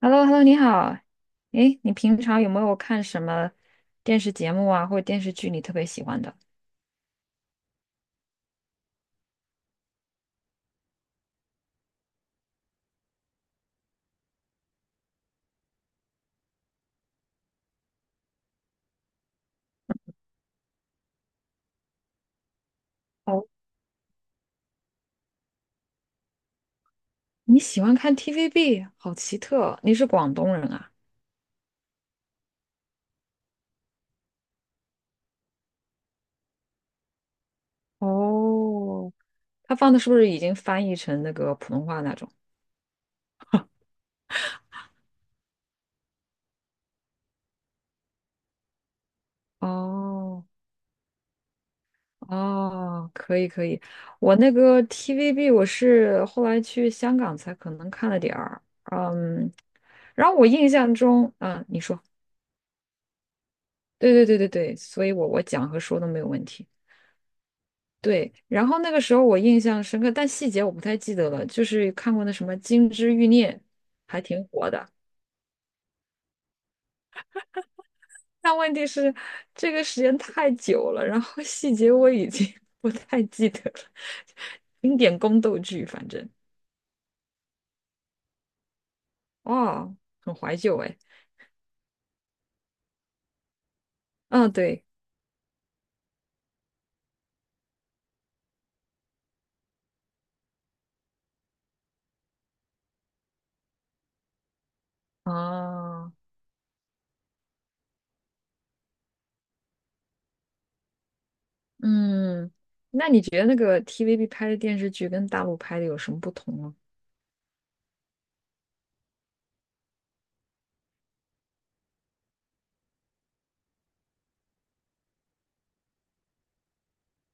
h e l l o h e l l o 你好。诶，你平常有没有看什么电视节目啊，或者电视剧你特别喜欢的？哦你喜欢看 TVB，好奇特。你是广东人啊？哦他放的是不是已经翻译成那个普通话那种？哦，哦，可以可以。我那个 TVB 我是后来去香港才可能看了点儿，嗯，然后我印象中，嗯，你说，对对对对对，所以我讲和说都没有问题。对，然后那个时候我印象深刻，但细节我不太记得了。就是看过那什么《金枝欲孽》，还挺火的。但问题是，这个时间太久了，然后细节我已经 不太记得了。经典宫斗剧，反正哦，很怀旧哎。嗯，对，啊，嗯，那你觉得那个 TVB 拍的电视剧跟大陆拍的有什么不同吗？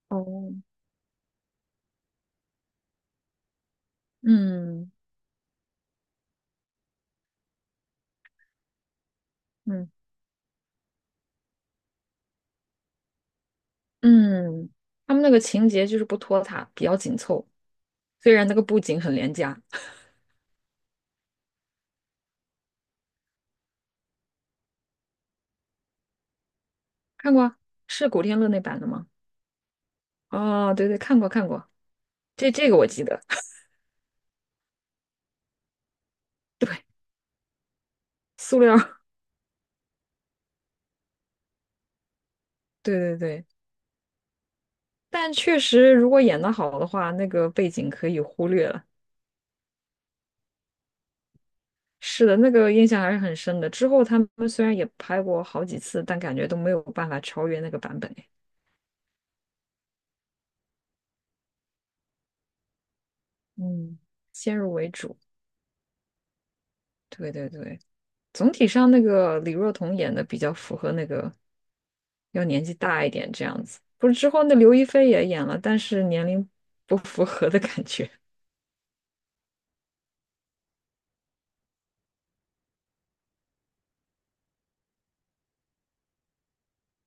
哦，嗯嗯嗯，他们那个情节就是不拖沓，比较紧凑。虽然那个布景很廉价，看过啊是古天乐那版的吗？哦，对对，看过看过，这个我记得，对，塑料，对对对，但确实如果演得好的话，那个背景可以忽略了。是的，那个印象还是很深的。之后他们虽然也拍过好几次，但感觉都没有办法超越那个版本。嗯，先入为主，对对对。总体上那个李若彤演的比较符合那个要年纪大一点这样子。不是之后那刘亦菲也演了，但是年龄不符合的感觉。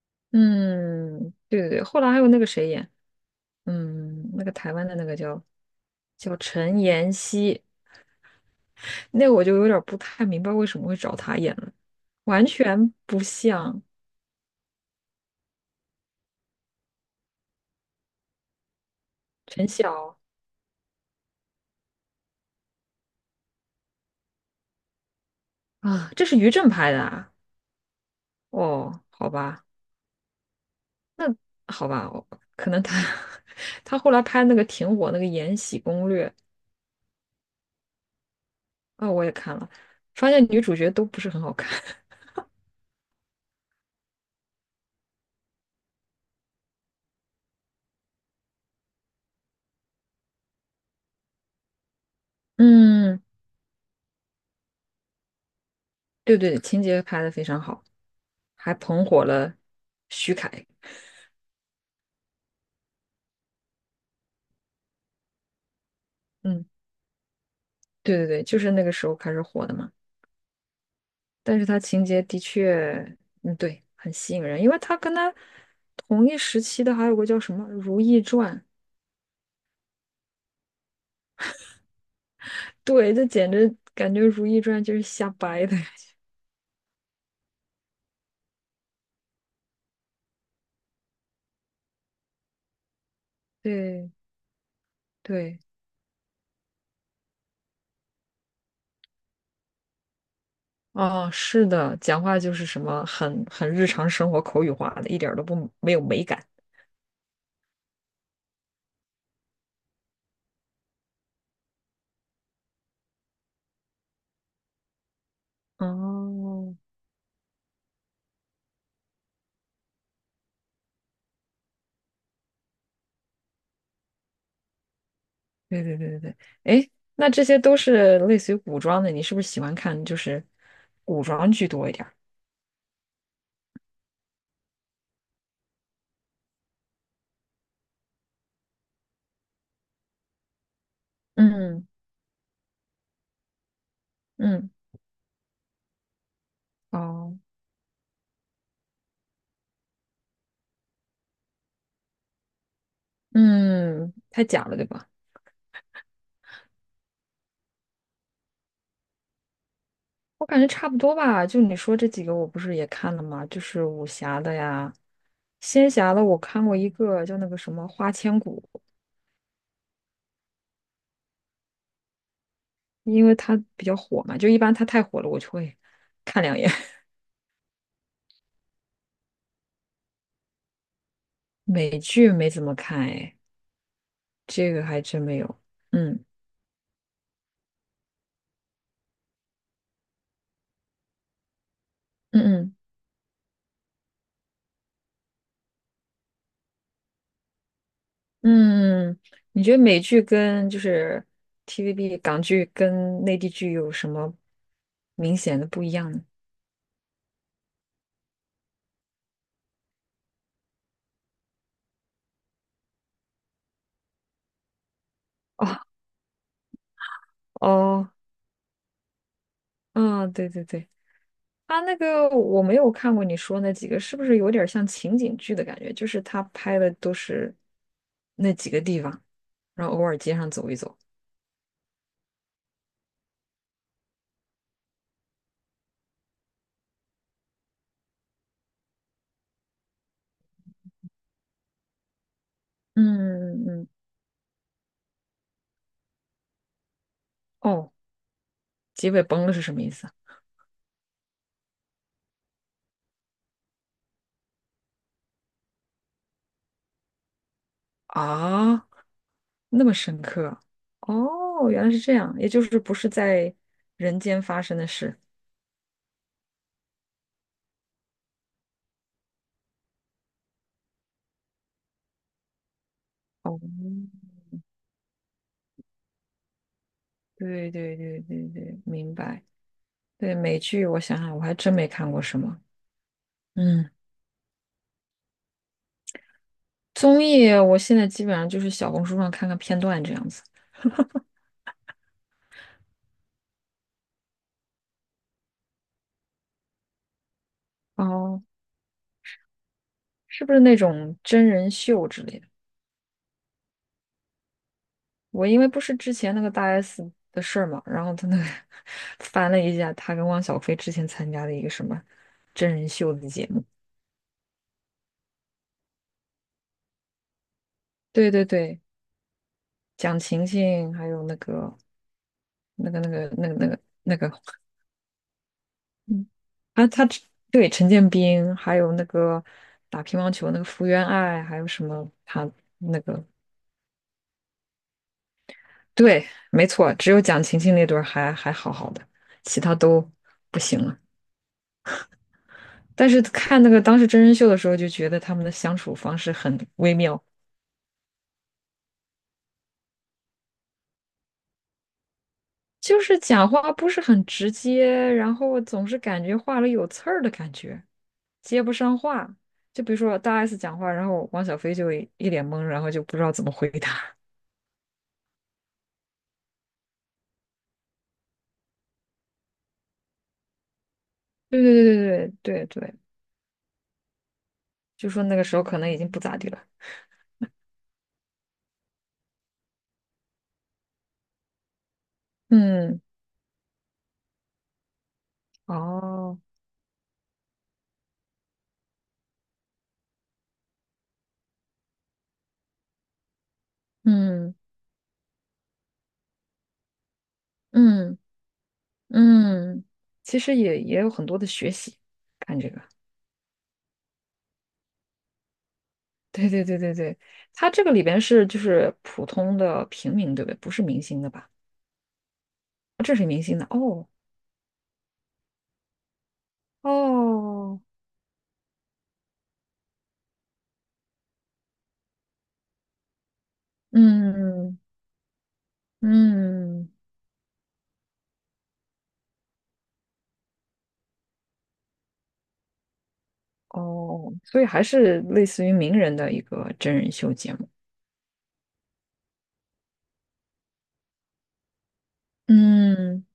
嗯，对对对，后来还有那个谁演，嗯，那个台湾的那个叫陈妍希，那个我就有点儿不太明白为什么会找她演了，完全不像陈晓啊，这是于正拍的啊，哦，好吧。好吧，我可能他 他后来拍那个挺火那个《延禧攻略》啊、我也看了，发现女主角都不是很好看。嗯，对对，情节拍的非常好，还捧火了徐凯。嗯，对对对，就是那个时候开始火的嘛。但是他情节的确，嗯，对，很吸引人，因为他跟他同一时期的还有个叫什么《如懿传》，对，这简直感觉《如懿传》就是瞎掰的。对对。哦，是的，讲话就是什么很日常生活口语化的，一点儿都不没有美感。哦，对对对对对，哎，那这些都是类似于古装的，你是不是喜欢看就是古装剧多一点儿？嗯嗯，哦，嗯，太假了，对吧？我感觉差不多吧，就你说这几个，我不是也看了吗？就是武侠的呀，仙侠的，我看过一个叫那个什么《花千骨》，因为它比较火嘛，就一般它太火了，我就会看两眼。美剧没怎么看，哎，这个还真没有。嗯嗯嗯嗯，你觉得美剧跟就是 TVB 港剧跟内地剧有什么明显的不一样呢？哦哦，嗯，对对对，它那个我没有看过你说那几个，是不是有点像情景剧的感觉？就是他拍的都是那几个地方，然后偶尔街上走一走。嗯嗯哦，结尾崩了是什么意思啊？啊，那么深刻。哦，原来是这样，也就是不是在人间发生的事。哦，对对对对对，明白。对，美剧我想想，我还真没看过什么。嗯，综艺我现在基本上就是小红书上看看片段这样子。哦，是不是那种真人秀之类的？我因为不是之前那个大 S 的事儿嘛，然后他那个 翻了一下，他跟汪小菲之前参加的一个什么真人秀的节目，对对对，蒋勤勤还有那个那个那个那个那个那个啊，他只对陈建斌，还有那个打乒乓球那个福原爱，还有什么他那个对，没错，只有蒋勤勤那对儿还好好的，其他都不行了。但是看那个当时真人秀的时候，就觉得他们的相处方式很微妙。就是讲话不是很直接，然后总是感觉话里有刺儿的感觉，接不上话。就比如说大 S 讲话，然后王小飞就一脸懵，然后就不知道怎么回答。对对对对对对对，就说那个时候可能已经不咋地了。嗯，哦，嗯嗯嗯，其实也有很多的学习，看这个。对对对对对，他这个里边是就是普通的平民，对不对？不是明星的吧？哦这是明星的哦哦。嗯嗯，哦，所以还是类似于名人的一个真人秀节目。嗯，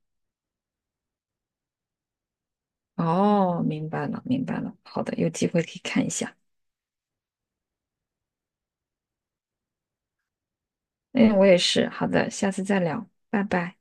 哦，明白了，明白了。好的，有机会可以看一下。哎，我也是。好的，下次再聊，拜拜。